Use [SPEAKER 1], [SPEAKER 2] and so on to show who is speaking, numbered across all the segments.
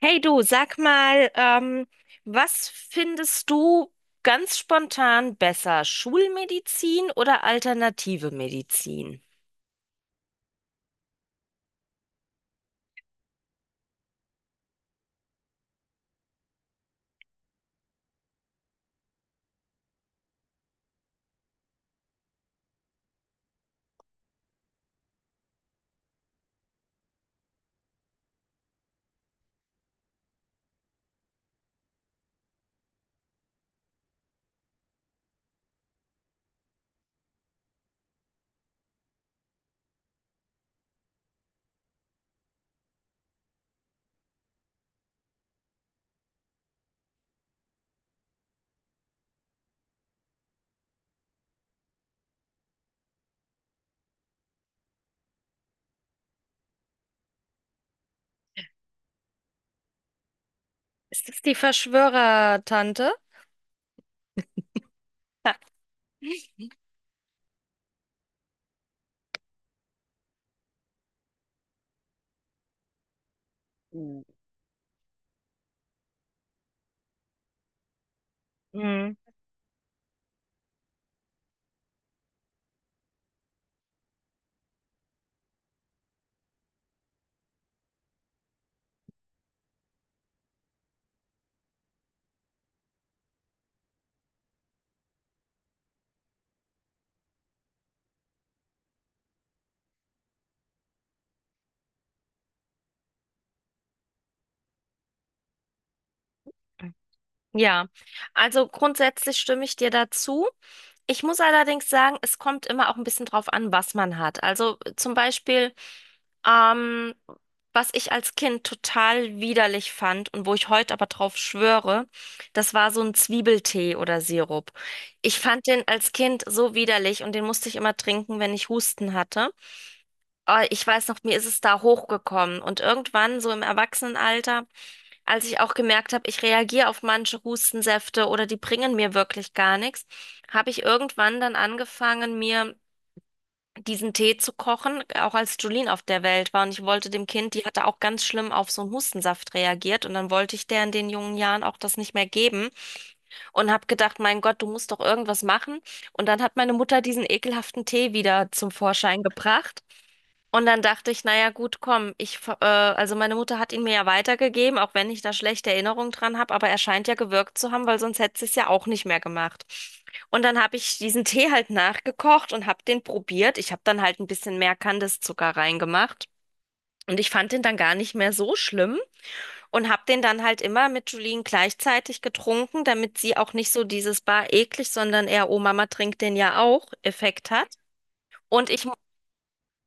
[SPEAKER 1] Hey du, sag mal, was findest du ganz spontan besser, Schulmedizin oder alternative Medizin? Ist das die Verschwörertante? Mhm. Ja, also grundsätzlich stimme ich dir dazu. Ich muss allerdings sagen, es kommt immer auch ein bisschen drauf an, was man hat. Also zum Beispiel, ähm, was ich als Kind total widerlich fand und wo ich heute aber drauf schwöre, das war so ein Zwiebeltee oder Sirup. Ich fand den als Kind so widerlich und den musste ich immer trinken, wenn ich Husten hatte. Ich weiß noch, mir ist es da hochgekommen und irgendwann so im Erwachsenenalter, als ich auch gemerkt habe, ich reagiere auf manche Hustensäfte oder die bringen mir wirklich gar nichts, habe ich irgendwann dann angefangen, mir diesen Tee zu kochen, auch als Julien auf der Welt war. Und ich wollte dem Kind, die hatte auch ganz schlimm auf so einen Hustensaft reagiert. Und dann wollte ich der in den jungen Jahren auch das nicht mehr geben und habe gedacht, mein Gott, du musst doch irgendwas machen. Und dann hat meine Mutter diesen ekelhaften Tee wieder zum Vorschein gebracht. Und dann dachte ich, naja, gut, komm, also meine Mutter hat ihn mir ja weitergegeben, auch wenn ich da schlechte Erinnerungen dran habe, aber er scheint ja gewirkt zu haben, weil sonst hätte sie es ja auch nicht mehr gemacht. Und dann habe ich diesen Tee halt nachgekocht und habe den probiert. Ich habe dann halt ein bisschen mehr Kandiszucker reingemacht. Und ich fand den dann gar nicht mehr so schlimm und habe den dann halt immer mit Julien gleichzeitig getrunken, damit sie auch nicht so dieses Bar eklig, sondern eher, oh Mama trinkt den ja auch Effekt hat. Und ich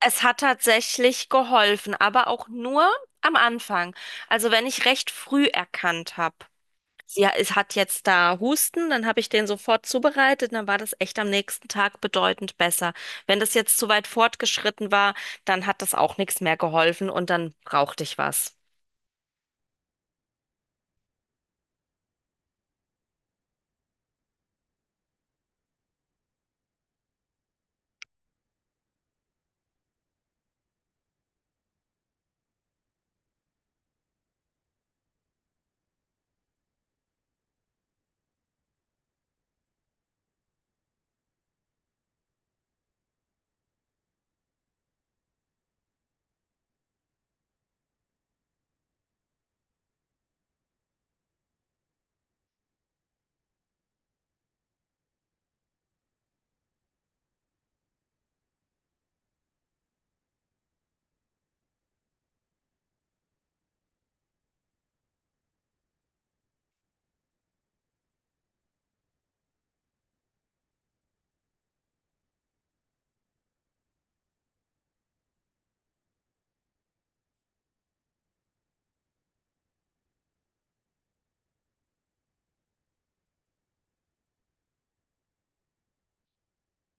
[SPEAKER 1] Es hat tatsächlich geholfen, aber auch nur am Anfang. Also wenn ich recht früh erkannt habe, sie es hat jetzt da Husten, dann habe ich den sofort zubereitet, dann war das echt am nächsten Tag bedeutend besser. Wenn das jetzt zu weit fortgeschritten war, dann hat das auch nichts mehr geholfen und dann brauchte ich was.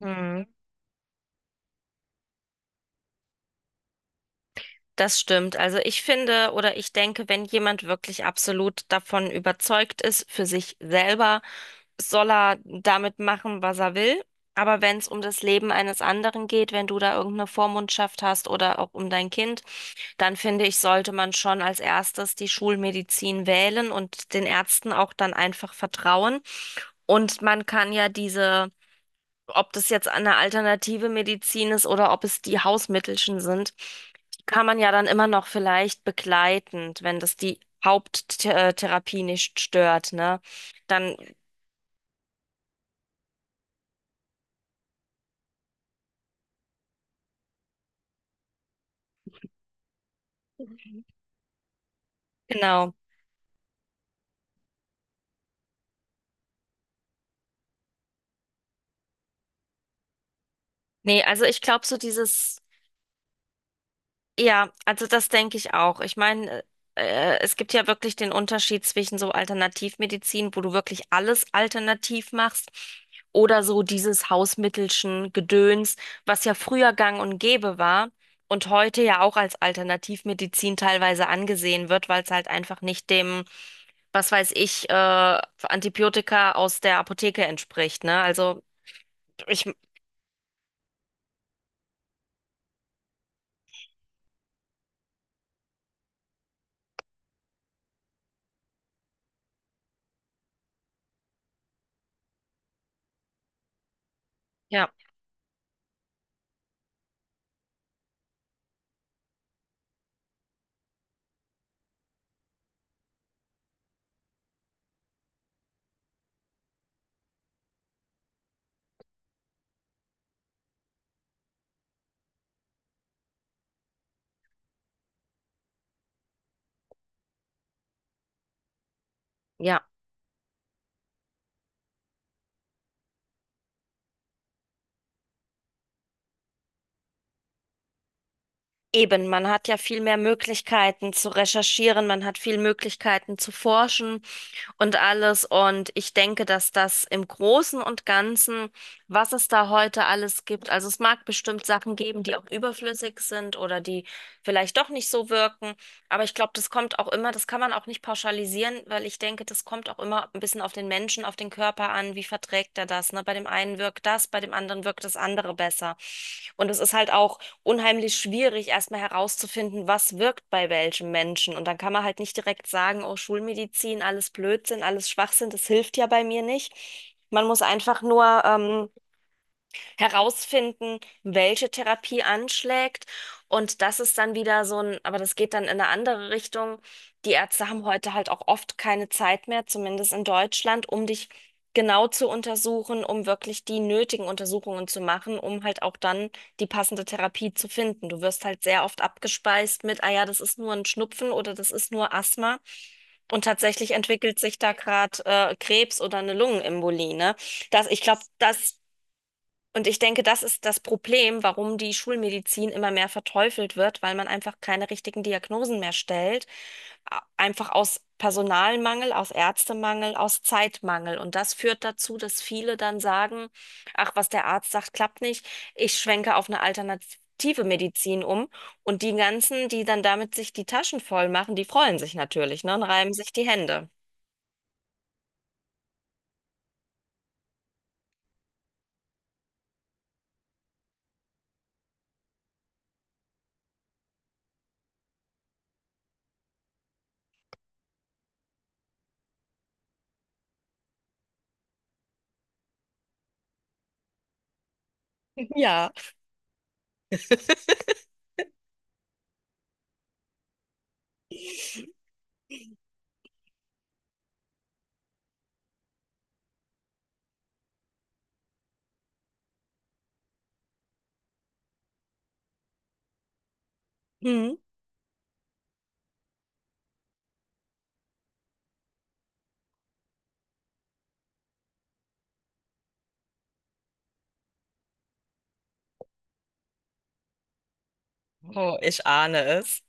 [SPEAKER 1] Hm. Das stimmt. Also ich finde oder ich denke, wenn jemand wirklich absolut davon überzeugt ist, für sich selber, soll er damit machen, was er will. Aber wenn es um das Leben eines anderen geht, wenn du da irgendeine Vormundschaft hast oder auch um dein Kind, dann finde ich, sollte man schon als erstes die Schulmedizin wählen und den Ärzten auch dann einfach vertrauen. Und man kann ja diese, ob das jetzt eine alternative Medizin ist oder ob es die Hausmittelchen sind, die kann man ja dann immer noch vielleicht begleitend, wenn das die Haupttherapie nicht stört, ne? Dann, genau. Nee, also ich glaube so dieses, ja, also das denke ich auch. Ich meine, es gibt ja wirklich den Unterschied zwischen so Alternativmedizin, wo du wirklich alles alternativ machst, oder so dieses Hausmittelchen Gedöns, was ja früher gang und gäbe war und heute ja auch als Alternativmedizin teilweise angesehen wird, weil es halt einfach nicht dem, was weiß ich, Antibiotika aus der Apotheke entspricht, ne? Also ich, ja, ja. Eben, man hat ja viel mehr Möglichkeiten zu recherchieren, man hat viel Möglichkeiten zu forschen und alles. Und ich denke, dass das im Großen und Ganzen, was es da heute alles gibt, also es mag bestimmt Sachen geben, die auch überflüssig sind oder die vielleicht doch nicht so wirken. Aber ich glaube, das kommt auch immer, das kann man auch nicht pauschalisieren, weil ich denke, das kommt auch immer ein bisschen auf den Menschen, auf den Körper an, wie verträgt er das, ne? Bei dem einen wirkt das, bei dem anderen wirkt das andere besser. Und es ist halt auch unheimlich schwierig, erstmal herauszufinden, was wirkt bei welchem Menschen. Und dann kann man halt nicht direkt sagen, oh, Schulmedizin, alles Blödsinn, alles Schwachsinn, das hilft ja bei mir nicht. Man muss einfach nur herausfinden, welche Therapie anschlägt. Und das ist dann wieder so ein, aber das geht dann in eine andere Richtung. Die Ärzte haben heute halt auch oft keine Zeit mehr, zumindest in Deutschland, um dich genau zu untersuchen, um wirklich die nötigen Untersuchungen zu machen, um halt auch dann die passende Therapie zu finden. Du wirst halt sehr oft abgespeist mit, ah ja, das ist nur ein Schnupfen oder das ist nur Asthma. Und tatsächlich entwickelt sich da gerade Krebs oder eine Lungenembolie, ne? Das, ich glaube, das Und ich denke, das ist das Problem, warum die Schulmedizin immer mehr verteufelt wird, weil man einfach keine richtigen Diagnosen mehr stellt. Einfach aus Personalmangel, aus Ärztemangel, aus Zeitmangel. Und das führt dazu, dass viele dann sagen, ach, was der Arzt sagt, klappt nicht. Ich schwenke auf eine alternative Medizin um. Und die ganzen, die dann damit sich die Taschen voll machen, die freuen sich natürlich, ne, und reiben sich die Hände. Ja. Hm. Oh, ich ahne es.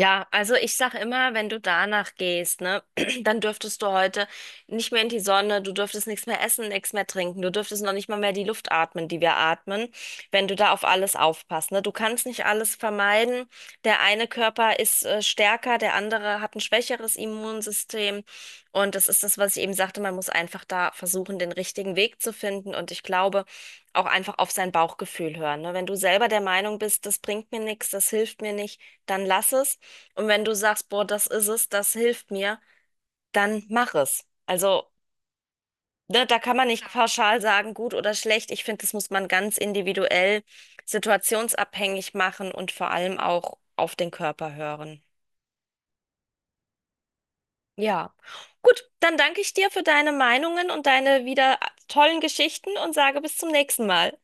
[SPEAKER 1] Ja, also ich sag immer, wenn du danach gehst, ne, dann dürftest du heute nicht mehr in die Sonne, du dürftest nichts mehr essen, nichts mehr trinken, du dürftest noch nicht mal mehr die Luft atmen, die wir atmen, wenn du da auf alles aufpasst, ne? Du kannst nicht alles vermeiden. Der eine Körper ist stärker, der andere hat ein schwächeres Immunsystem und das ist das, was ich eben sagte, man muss einfach da versuchen, den richtigen Weg zu finden und ich glaube, auch einfach auf sein Bauchgefühl hören, ne? Wenn du selber der Meinung bist, das bringt mir nichts, das hilft mir nicht, dann lass es. Und wenn du sagst, boah, das ist es, das hilft mir, dann mach es. Also, ne, da kann man nicht pauschal sagen, gut oder schlecht. Ich finde, das muss man ganz individuell, situationsabhängig machen und vor allem auch auf den Körper hören. Ja. Gut, dann danke ich dir für deine Meinungen und deine wieder tollen Geschichten und sage bis zum nächsten Mal.